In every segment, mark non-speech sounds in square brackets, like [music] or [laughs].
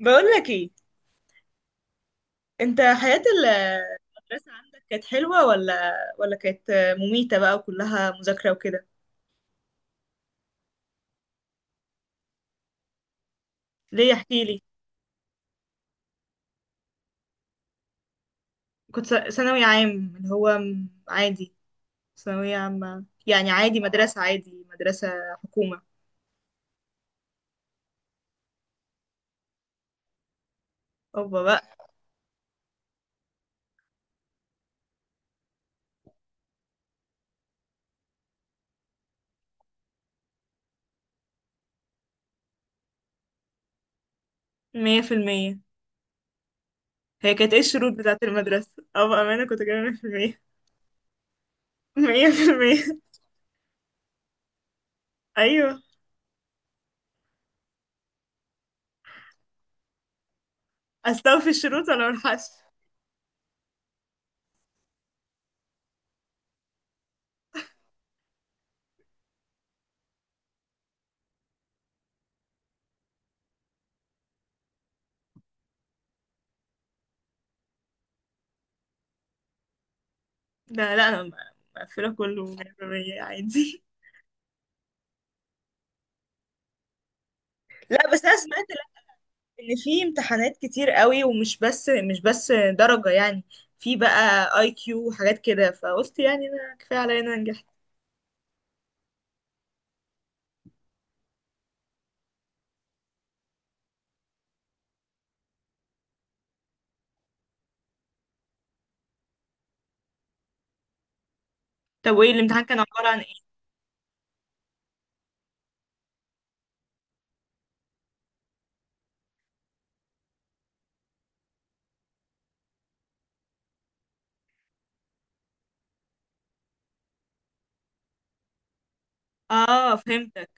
بقول لك ايه. انت حياة، المدرسة عندك كانت حلوة ولا كانت مميتة بقى وكلها مذاكرة وكده؟ ليه احكي لي. كنت ثانوي عام اللي هو عادي، ثانوية عامة يعني عادي، مدرسة عادي، مدرسة حكومة. اوبا بقى. مية في المية. هي كانت ايه الشروط بتاعة المدرسة؟ او بأمانة كنت جايبة مية في المية. [laughs] مية في المية. ايوه. استوفي الشروط ولا ملحقش. لا لا، انا مقفلة كله مية في المية عادي. لا بس انا سمعت ان في امتحانات كتير قوي، ومش بس مش بس درجة يعني، في بقى IQ وحاجات كده، فقلت يعني انا كفاية عليا إن انا نجحت. طب وايه الامتحان كان عبارة عن ايه؟ اه فهمتك.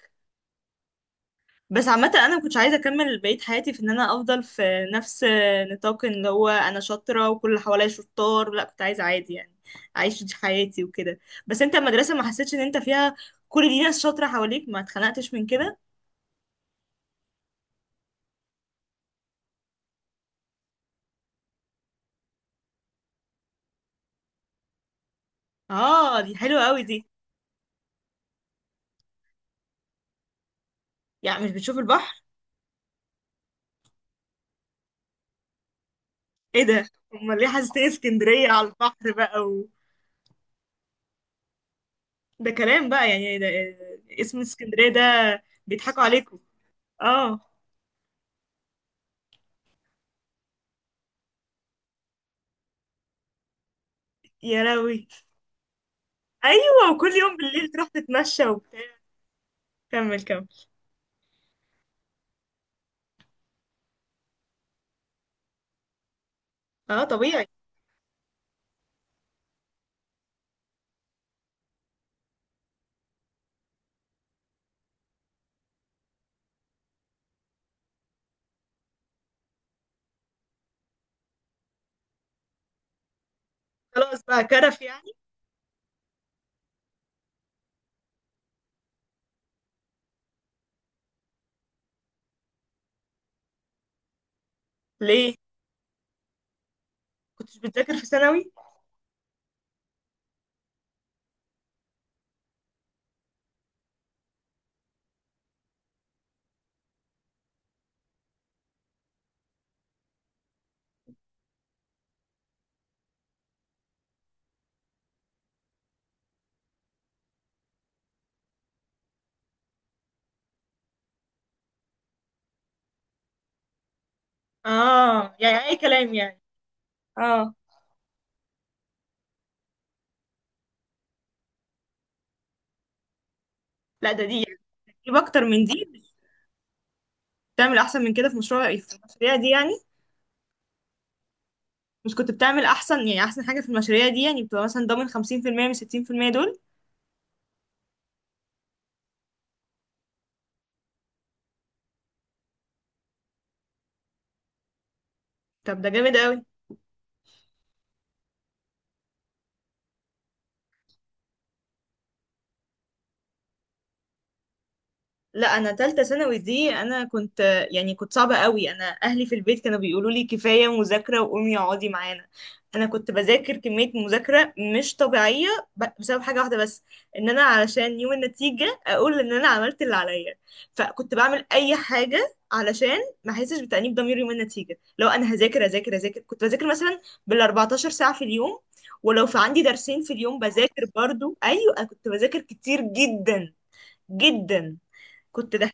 بس عامة انا ما كنتش عايزة اكمل بقية حياتي في ان انا افضل في نفس نطاق ان هو انا شاطرة وكل اللي حواليا شطار، لا كنت عايزة عادي يعني اعيش دي حياتي وكده. بس انت المدرسة ما حسيتش ان انت فيها كل دي ناس شاطرة حواليك، ما اتخنقتش من كده؟ اه دي حلوة قوي دي. يعني مش بتشوف البحر؟ ايه ده، امال ليه حاسسني اسكندريه على البحر بقى ده كلام بقى، يعني إيه ده، إيه اسم اسكندريه ده؟ بيضحكوا عليكم. اه. يا لهوي. ايوه، وكل يوم بالليل تروح تتمشى وبتاع. كمل كمل. اه طبيعي. خلاص بقى كرف يعني. ليه كنتش بتذاكر في ثانوي؟ اه يعني اي كلام يعني. اه لا، ده دي يعني تجيب اكتر من دي مش. بتعمل احسن من كده في مشروع إيه؟ في المشاريع دي يعني، مش كنت بتعمل احسن يعني احسن حاجه في المشاريع دي يعني بتبقى مثلا ضامن 50% من 60% دول؟ طب ده جامد قوي. لا انا تالتة ثانوي دي انا كنت، يعني كنت صعبة قوي. انا اهلي في البيت كانوا بيقولوا لي كفاية مذاكرة وقومي اقعدي معانا. انا كنت بذاكر كمية مذاكرة مش طبيعية، بسبب حاجة واحدة بس، ان انا علشان يوم النتيجة اقول ان انا عملت اللي عليا، فكنت بعمل اي حاجة علشان ما احسش بتأنيب ضمير يوم النتيجة. لو انا هذاكر هذاكر هذاكر كنت بذاكر مثلا بال 14 ساعة في اليوم، ولو في عندي درسين في اليوم بذاكر برضو. ايوه أنا كنت بذاكر كتير جدا جدا. كنت كده.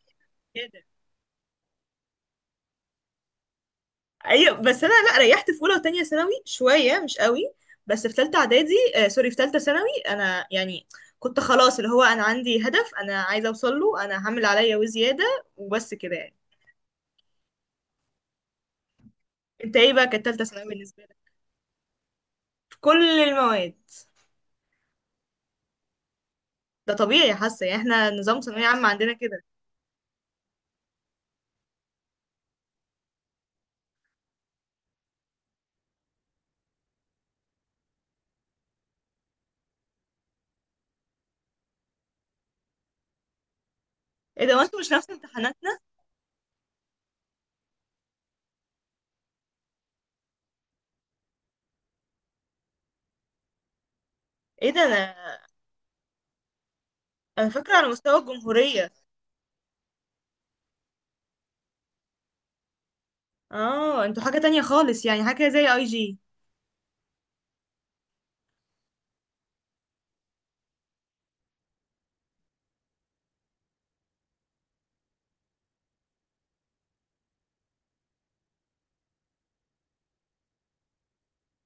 ايوه بس انا لا ريحت في اولى وتانية ثانوي شويه مش قوي، بس في ثالثه اعدادي آه سوري في ثالثه ثانوي انا يعني كنت خلاص اللي هو انا عندي هدف انا عايزه اوصل له، انا هعمل عليا وزياده وبس كده يعني. انت ايه بقى كانت ثالثه ثانوي بالنسبه لك؟ في كل المواد. ده طبيعي، حاسه يعني احنا نظام ثانويه عامه عندنا كده. ايه ده، وانتوا مش نفس امتحاناتنا؟ ايه ده، انا فاكره على مستوى الجمهوريه. اه، انتوا حاجه تانية خالص يعني، حاجه زي IG؟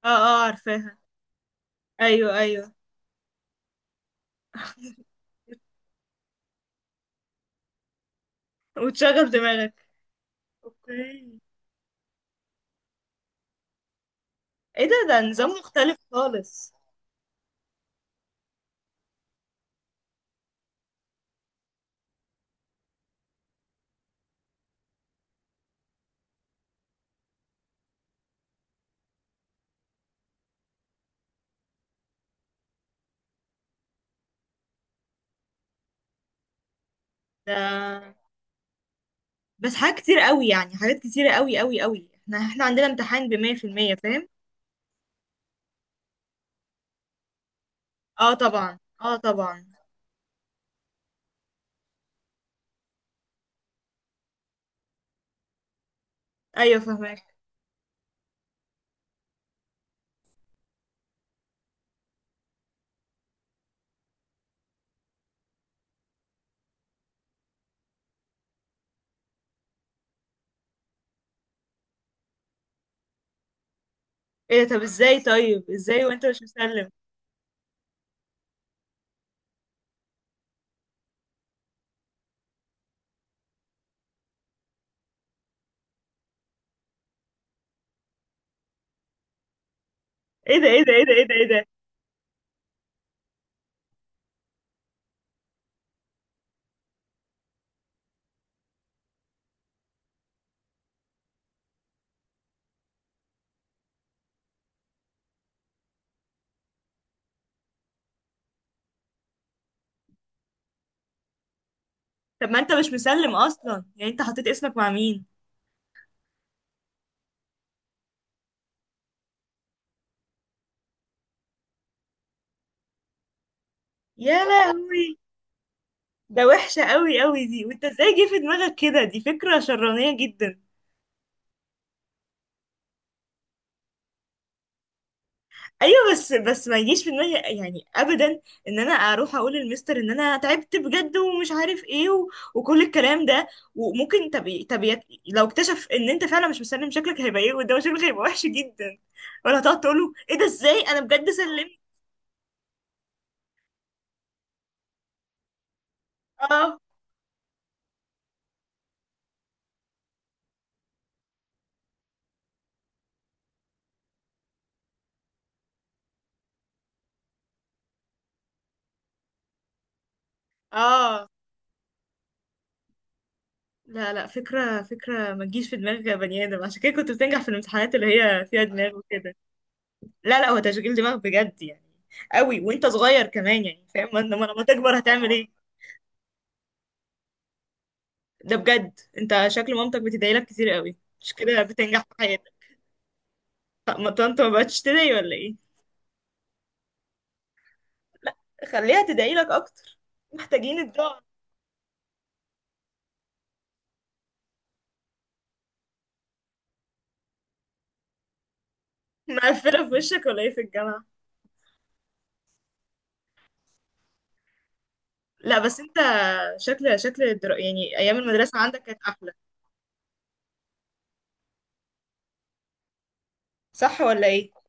اه اه عارفاها. ايوه ايوه. وتشغل دماغك. اوكي. ايه ده، ده نظام مختلف خالص ده. بس حاجات كتير قوي يعني، حاجات كتير قوي قوي قوي. احنا عندنا امتحان بمية في المية فاهم؟ اه طبعا اه طبعا. ايوه فاهمك. ايه ده، طب ازاي، طيب ازاي وانت مش مسلم؟ ايه ده ايه ده ايه ده ايه ده ايه ده. طب ما انت مش مسلم اصلا، يعني انت حطيت اسمك مع مين؟ يا لهوي. ده وحشة قوي قوي دي، وانت ازاي جه في دماغك كده؟ دي فكرة شرانية جدا. ايوه بس ما يجيش في دماغي يعني ابدا، ان انا اروح اقول للمستر ان انا تعبت بجد ومش عارف ايه وكل الكلام ده، وممكن طب لو اكتشف ان انت فعلا مش مسلم، شكلك هيبقى ايه قدامه؟ شكلك هيبقى وحش جدا. ولا هتقعد تقول له ايه ده ازاي انا بجد سلمت. اه اه. لا لا، فكره فكره ما تجيش في دماغ بني ادم. عشان كده كنت بتنجح في الامتحانات اللي هي فيها دماغ وكده. لا لا، هو تشغيل دماغ بجد يعني، قوي وانت صغير كمان يعني فاهم، ما إنما لما تكبر هتعمل ايه؟ ده بجد انت شكل مامتك بتدعي لك كتير قوي، مش كده بتنجح في حياتك؟ طب ما طنط ما بقتش تدعي ولا ايه؟ خليها تدعي لك اكتر، محتاجين الدعاء. مقفله في وشك ولا ايه في الجامعه؟ لا بس انت، شكل يعني ايام المدرسه عندك كانت احلى، صح ولا ايه؟